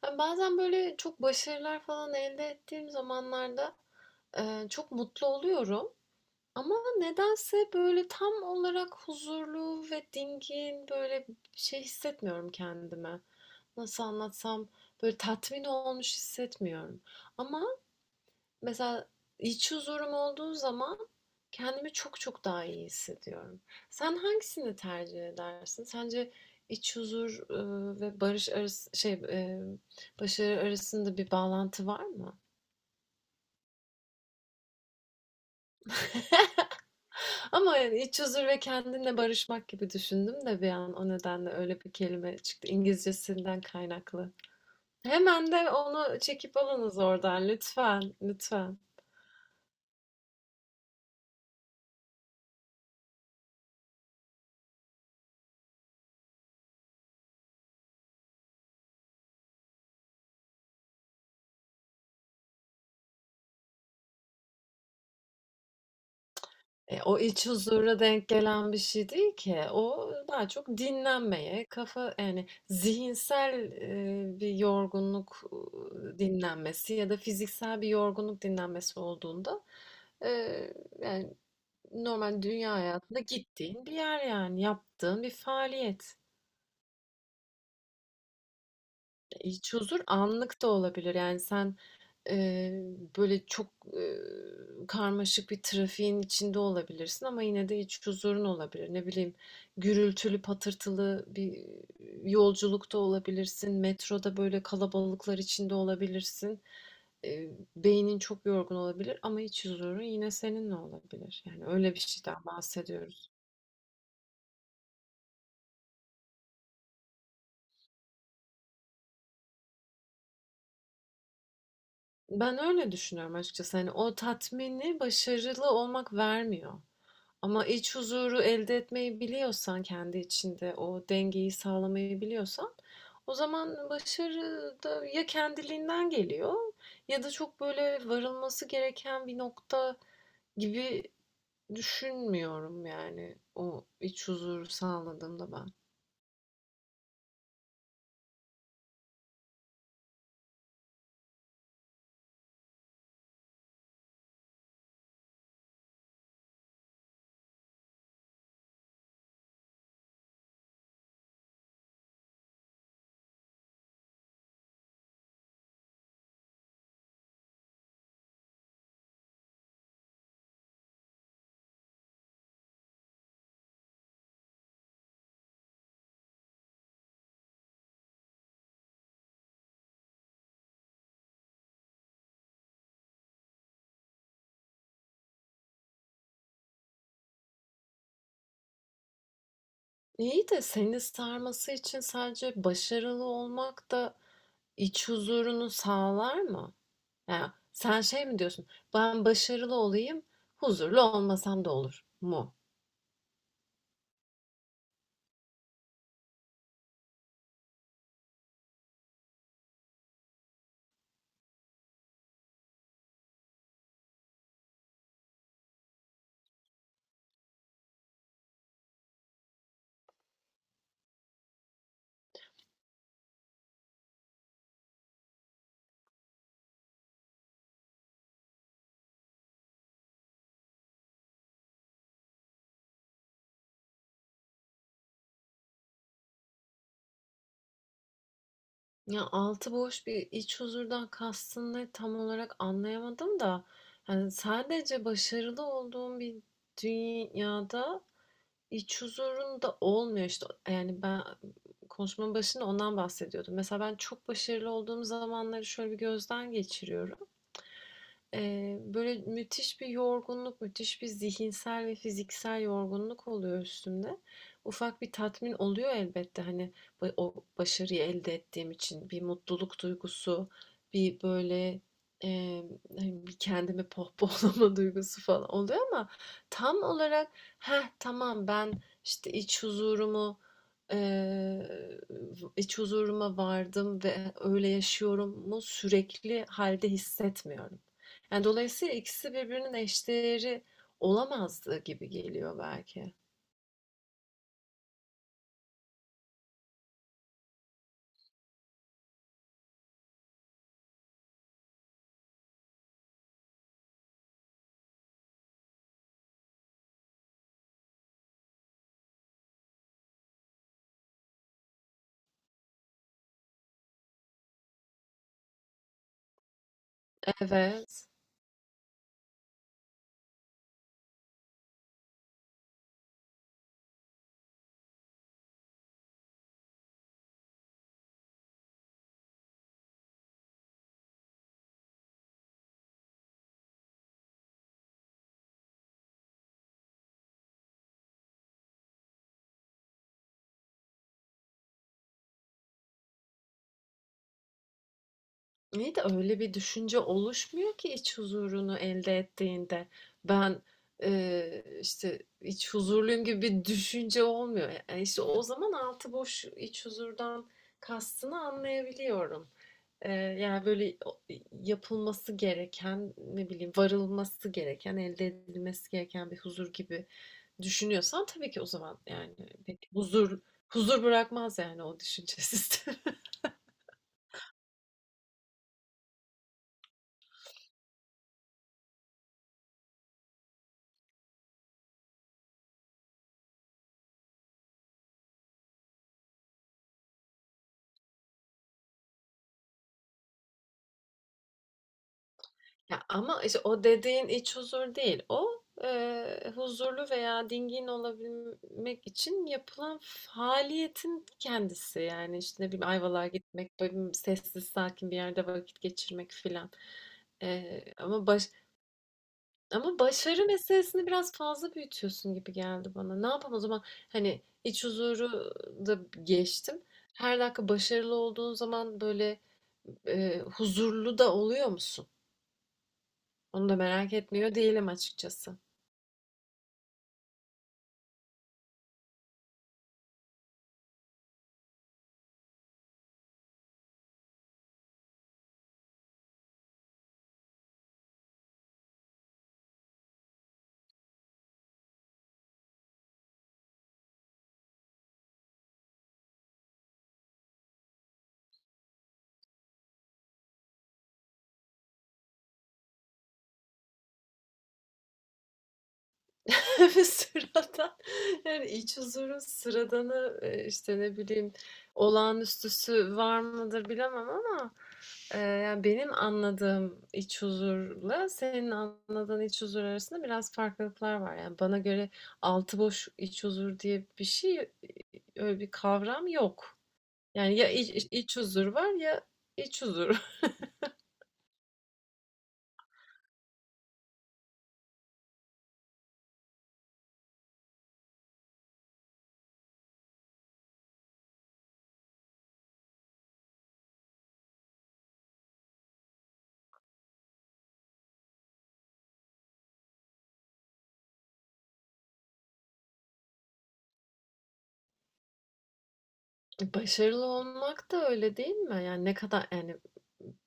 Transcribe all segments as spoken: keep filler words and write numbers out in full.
Ha, bazen böyle çok başarılar falan elde ettiğim zamanlarda, eee, çok mutlu oluyorum ama nedense böyle tam olarak huzurlu ve dingin, böyle şey hissetmiyorum kendime. Nasıl anlatsam, böyle tatmin olmuş hissetmiyorum. Ama mesela iç huzurum olduğu zaman kendimi çok çok daha iyi hissediyorum. Sen hangisini tercih edersin? Sence iç huzur e, ve barış arası şey e, başarı arasında bir bağlantı var mı? Ama yani iç huzur ve kendinle barışmak gibi düşündüm de bir an, o nedenle öyle bir kelime çıktı, İngilizcesinden kaynaklı. Hemen de onu çekip alınız oradan, lütfen, lütfen. E, o iç huzura denk gelen bir şey değil ki. O daha çok dinlenmeye, kafa yani zihinsel e, bir yorgunluk e, dinlenmesi ya da fiziksel bir yorgunluk dinlenmesi olduğunda, e, yani normal dünya hayatında gittiğin bir yer, yani yaptığın bir faaliyet. İç huzur anlık da olabilir. Yani sen eee, böyle çok eee, karmaşık bir trafiğin içinde olabilirsin ama yine de iç huzurun olabilir. Ne bileyim, gürültülü patırtılı bir yolculukta olabilirsin. Metroda böyle kalabalıklar içinde olabilirsin. Eee, beynin çok yorgun olabilir ama iç huzurun yine seninle olabilir. Yani öyle bir şeyden bahsediyoruz. Ben öyle düşünüyorum açıkçası. Hani o tatmini başarılı olmak vermiyor. Ama iç huzuru elde etmeyi biliyorsan, kendi içinde o dengeyi sağlamayı biliyorsan, o zaman başarı da ya kendiliğinden geliyor ya da çok böyle varılması gereken bir nokta gibi düşünmüyorum, yani o iç huzuru sağladığımda ben. İyi de seni sarması için sadece başarılı olmak da iç huzurunu sağlar mı? Yani sen şey mi diyorsun? Ben başarılı olayım, huzurlu olmasam da olur mu? Ya, altı boş bir iç huzurdan kastın ne, tam olarak anlayamadım da, yani, sadece başarılı olduğum bir dünyada iç huzurun da olmuyor işte. Yani, ben konuşmanın başında ondan bahsediyordum. Mesela ben çok başarılı olduğum zamanları şöyle bir gözden geçiriyorum. Eee, böyle müthiş bir yorgunluk, müthiş bir zihinsel ve fiziksel yorgunluk oluyor üstümde. Ufak bir tatmin oluyor elbette, hani ba- o başarıyı elde ettiğim için bir mutluluk duygusu, bir böyle eee, hani bir kendimi pohpohlama duygusu falan oluyor, ama tam olarak heh tamam ben işte iç huzurumu, eee, iç huzuruma vardım ve öyle yaşıyorum mu, sürekli halde hissetmiyorum. Yani dolayısıyla ikisi birbirinin eşdeğeri olamazdı gibi geliyor belki. Evet. Niye de öyle bir düşünce oluşmuyor ki iç huzurunu elde ettiğinde? Ben, e, işte iç huzurluyum gibi bir düşünce olmuyor. Yani işte o zaman altı boş iç huzurdan kastını anlayabiliyorum. Eee, Yani, böyle, yapılması gereken, ne bileyim, varılması gereken, elde edilmesi gereken bir huzur gibi düşünüyorsan, tabii ki o zaman, yani, pek huzur huzur bırakmaz, yani, o düşünce sistemi. Ya, ama, işte, o dediğin iç huzur değil. O, eee, huzurlu veya dingin olabilmek için yapılan faaliyetin kendisi. Yani, işte, ne bileyim, Ayvalık'a gitmek, böyle, sessiz sakin bir yerde vakit geçirmek filan. Eee, ama baş Ama başarı meselesini biraz fazla büyütüyorsun gibi geldi bana. Ne yapalım o zaman? Hani iç huzuru da geçtim. Her dakika başarılı olduğun zaman böyle e, huzurlu da oluyor musun? Onu da merak etmiyor değilim açıkçası. Bir sıradan, yani iç huzurun sıradanı e, işte ne bileyim olağanüstüsü var mıdır bilemem ama Eee, yani, benim anladığım iç huzurla senin anladığın iç huzur arasında biraz farklılıklar var. Yani, bana göre altı boş iç huzur diye bir şey, öyle bir kavram yok. Yani, ya iç iç huzur var ya iç huzur. Başarılı olmak da öyle değil mi? Yani ne kadar, yani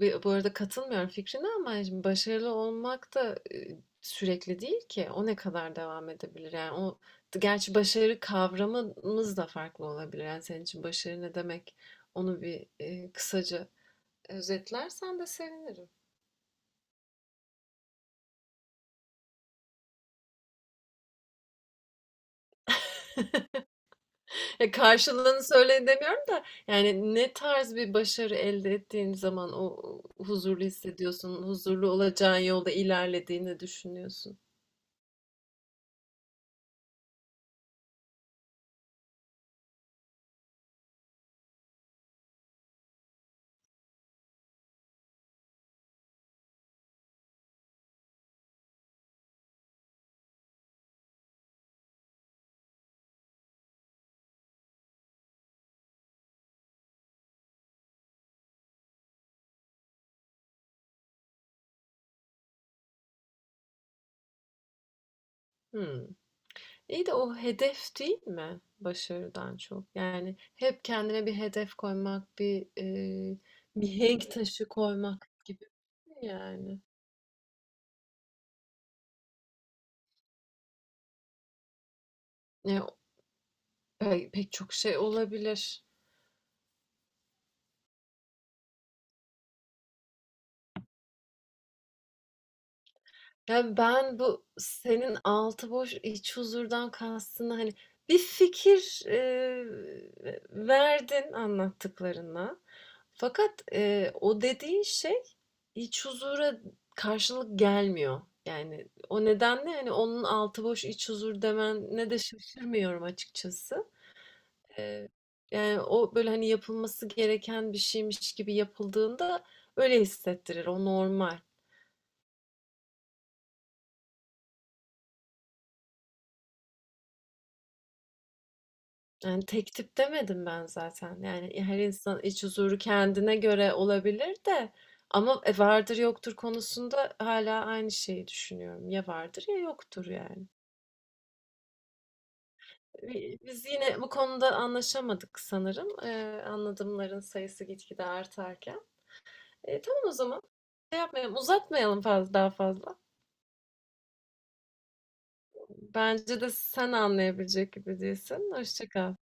b bu arada katılmıyorum fikrine, ama şimdi başarılı olmak da e, sürekli değil ki. O ne kadar devam edebilir? Yani o, gerçi başarı kavramımız da farklı olabilir. Yani senin için başarı ne demek? Onu bir e, kısaca özetlersen de sevinirim. Ya karşılığını söyleyin demiyorum da, yani ne tarz bir başarı elde ettiğin zaman o huzurlu hissediyorsun, huzurlu olacağın yolda ilerlediğini düşünüyorsun. Hımm. İyi de o hedef değil mi başarıdan çok? Yani hep kendine bir hedef koymak, bir, eee, mihenk taşı koymak gibi mi yani? Ya, pe pek çok şey olabilir. Yani ben bu senin altı boş, iç huzurdan kastını, hani, bir fikir, eee, verdin anlattıklarına. Fakat, eee, o dediğin şey iç huzura karşılık gelmiyor. Yani o nedenle hani onun altı boş iç huzur demenine de şaşırmıyorum açıkçası. Ee, yani o böyle hani yapılması gereken bir şeymiş gibi yapıldığında öyle hissettirir. O normal. Yani tek tip demedim ben zaten. Yani her insan iç huzuru kendine göre olabilir de, ama e, vardır yoktur konusunda hala aynı şeyi düşünüyorum. Ya vardır ya yoktur yani. Bi biz yine bu konuda anlaşamadık sanırım. Eee, anladımların sayısı gitgide artarken. E, tamam o zaman. Şey yapmayalım, uzatmayalım fazla daha fazla. Bence de sen anlayabilecek gibi değilsin. Hoşça kal.